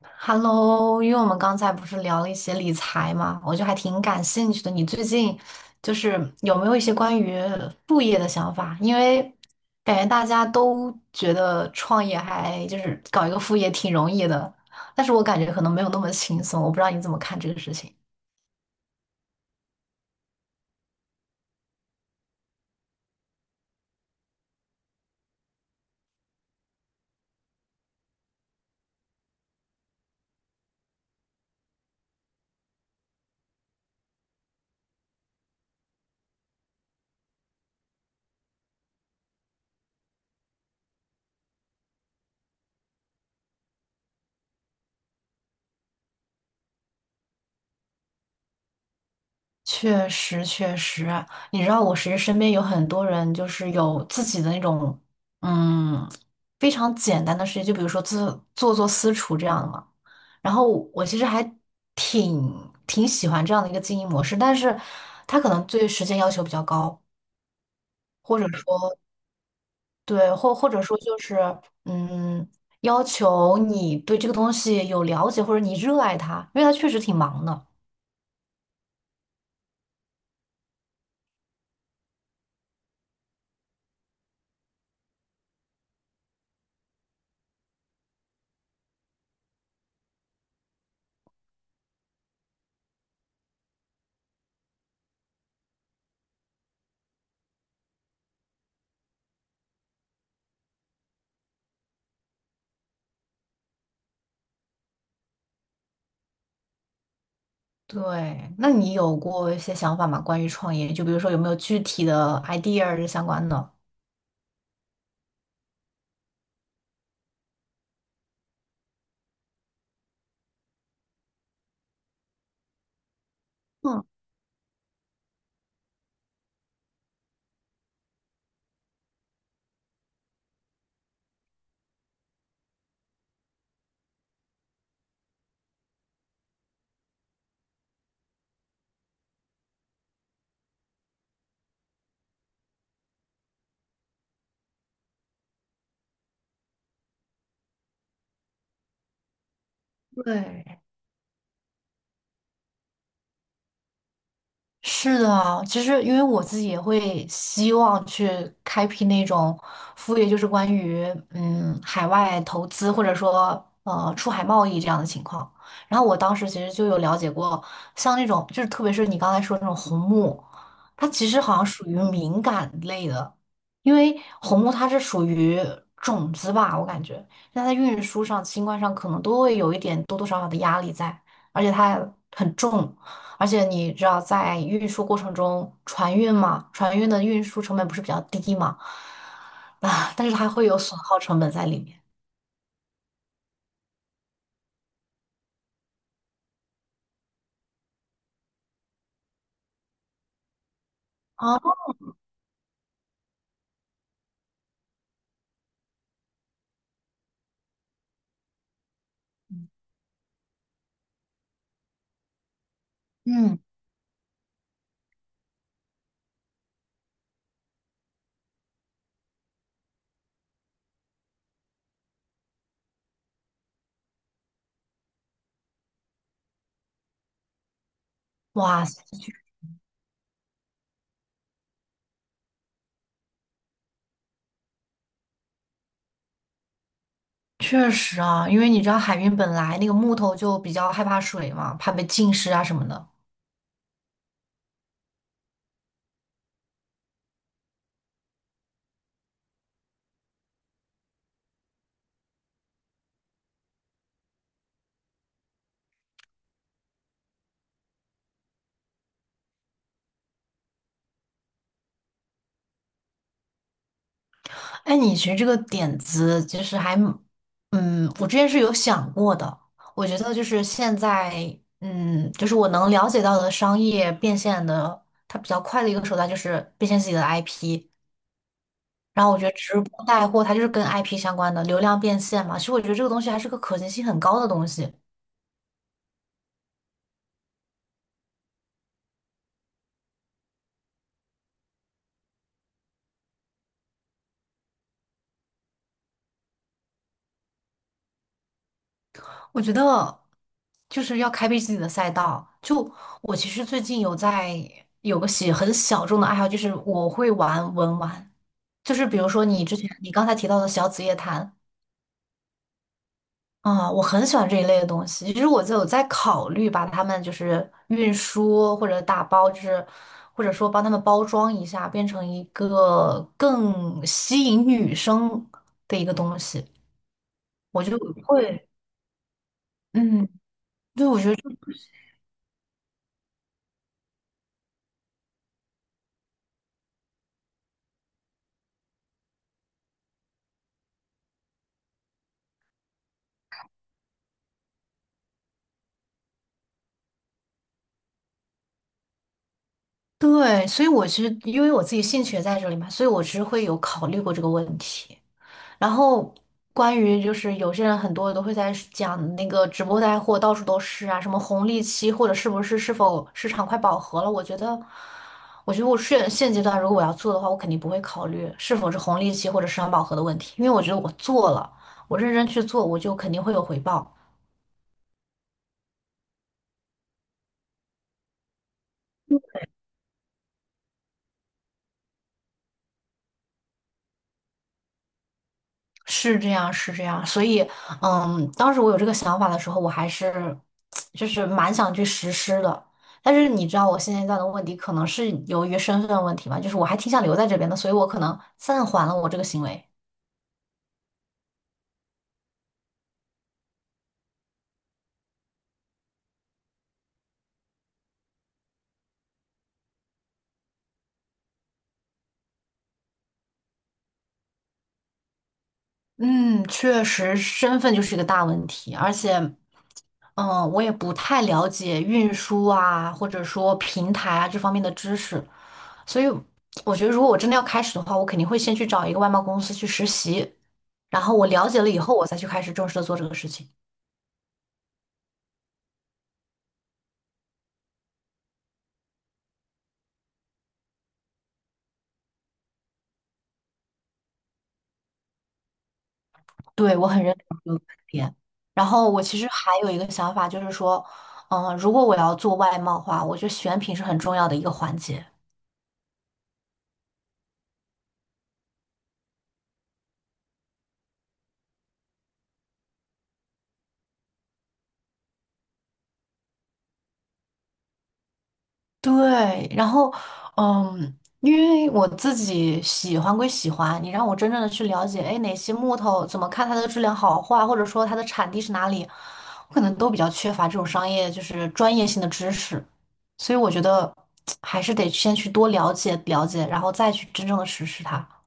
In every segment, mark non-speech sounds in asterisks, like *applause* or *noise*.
Hello，因为我们刚才不是聊了一些理财嘛，我就还挺感兴趣的。你最近就是有没有一些关于副业的想法？因为感觉大家都觉得创业还就是搞一个副业挺容易的，但是我感觉可能没有那么轻松。我不知道你怎么看这个事情。确实，确实，你知道，我其实身边有很多人，就是有自己的那种，嗯，非常简单的事情，就比如说做私厨这样的嘛。然后我其实还挺喜欢这样的一个经营模式，但是他可能对时间要求比较高，或者说对，或者说就是，嗯，要求你对这个东西有了解，或者你热爱它，因为它确实挺忙的。对，那你有过一些想法吗？关于创业，就比如说有没有具体的 idea 是相关的？嗯，对，是的啊，其实因为我自己也会希望去开辟那种副业，就是关于海外投资或者说出海贸易这样的情况。然后我当时其实就有了解过，像那种就是特别是你刚才说那种红木，它其实好像属于敏感类的，因为红木它是属于种子吧，我感觉那在运输上、清关上可能都会有一点多多少少的压力在，而且它很重。而且你知道，在运输过程中，船运嘛，船运的运输成本不是比较低嘛？*laughs* 啊，但是它会有损耗成本在里面。哦，嗯，哇塞，确实啊，因为你知道海运本来那个木头就比较害怕水嘛，怕被浸湿啊什么的。哎，你其实这个点子其实还蛮我之前是有想过的。我觉得就是现在，就是我能了解到的商业变现的，它比较快的一个手段就是变现自己的 IP。然后我觉得直播带货它就是跟 IP 相关的流量变现嘛，其实我觉得这个东西还是个可行性很高的东西。我觉得就是要开辟自己的赛道。就我其实最近有个很小众的爱好，就是我会玩文玩，就是比如说你之前你刚才提到的小紫夜谭，啊，我很喜欢这一类的东西。其实我就有在考虑把它们就是运输或者打包，就是或者说帮他们包装一下，变成一个更吸引女生的一个东西。我就会，嗯，对，我觉得对，所以我其实因为我自己兴趣也在这里嘛，所以我其实会有考虑过这个问题。然后关于就是有些人很多都会在讲那个直播带货到处都是啊，什么红利期或者是否市场快饱和了？我觉得，我觉得我现阶段如果我要做的话，我肯定不会考虑是否是红利期或者市场饱和的问题，因为我觉得我做了，我认真去做，我就肯定会有回报。是这样，是这样，所以，当时我有这个想法的时候，我还是就是蛮想去实施的。但是你知道，我现阶段的问题可能是由于身份问题嘛，就是我还挺想留在这边的，所以我可能暂缓了我这个行为。嗯，确实，身份就是一个大问题，而且。我也不太了解运输啊，或者说平台啊这方面的知识，所以我觉得如果我真的要开始的话，我肯定会先去找一个外贸公司去实习，然后我了解了以后，我再去开始正式的做这个事情。对，我很认同这个观点。然后我其实还有一个想法，就是说，如果我要做外贸的话，我觉得选品是很重要的一个环节。对，然后，因为我自己喜欢归喜欢，你让我真正的去了解，哎，哪些木头怎么看它的质量好坏，或者说它的产地是哪里，我可能都比较缺乏这种商业就是专业性的知识，所以我觉得 *tsk* 还是得先去多了解了解，然后再去真正的实施它。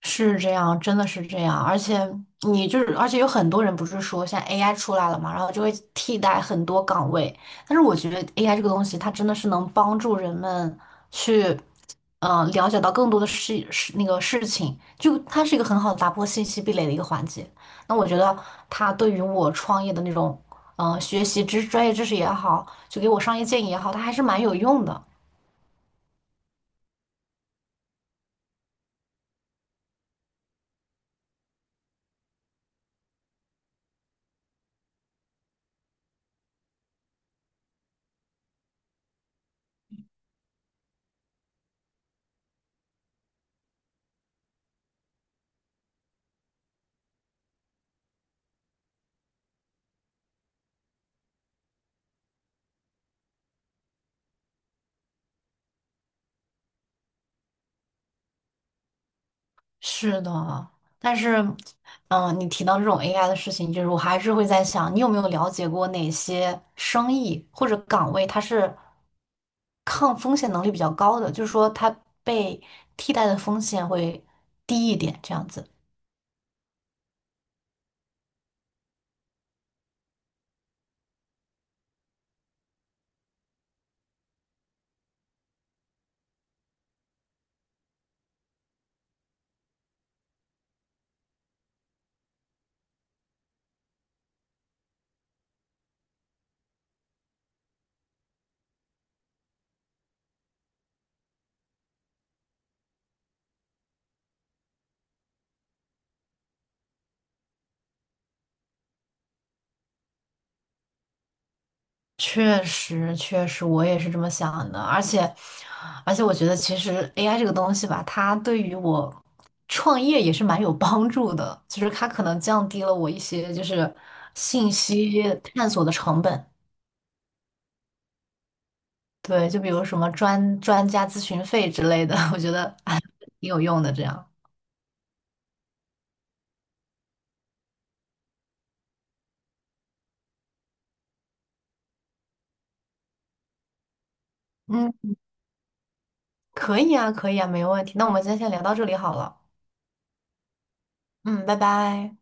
是这样，真的是这样，而且你就是，而且有很多人不是说现在 AI 出来了嘛，然后就会替代很多岗位，但是我觉得 AI 这个东西，它真的是能帮助人们去，嗯、了解到更多的那个事情，就它是一个很好的打破信息壁垒的一个环节。那我觉得它对于我创业的那种，嗯、学习专业知识也好，就给我商业建议也好，它还是蛮有用的。是的，但是，你提到这种 AI 的事情，就是我还是会在想，你有没有了解过哪些生意或者岗位，它是抗风险能力比较高的，就是说它被替代的风险会低一点，这样子。确实，确实，我也是这么想的。而且，而且，我觉得其实 AI 这个东西吧，它对于我创业也是蛮有帮助的，就是它可能降低了我一些就是信息探索的成本。对，就比如什么专家咨询费之类的，*laughs* 我觉得啊挺有用的。这样，嗯，可以啊，可以啊，没问题。那我们今天先聊到这里好了。嗯，拜拜。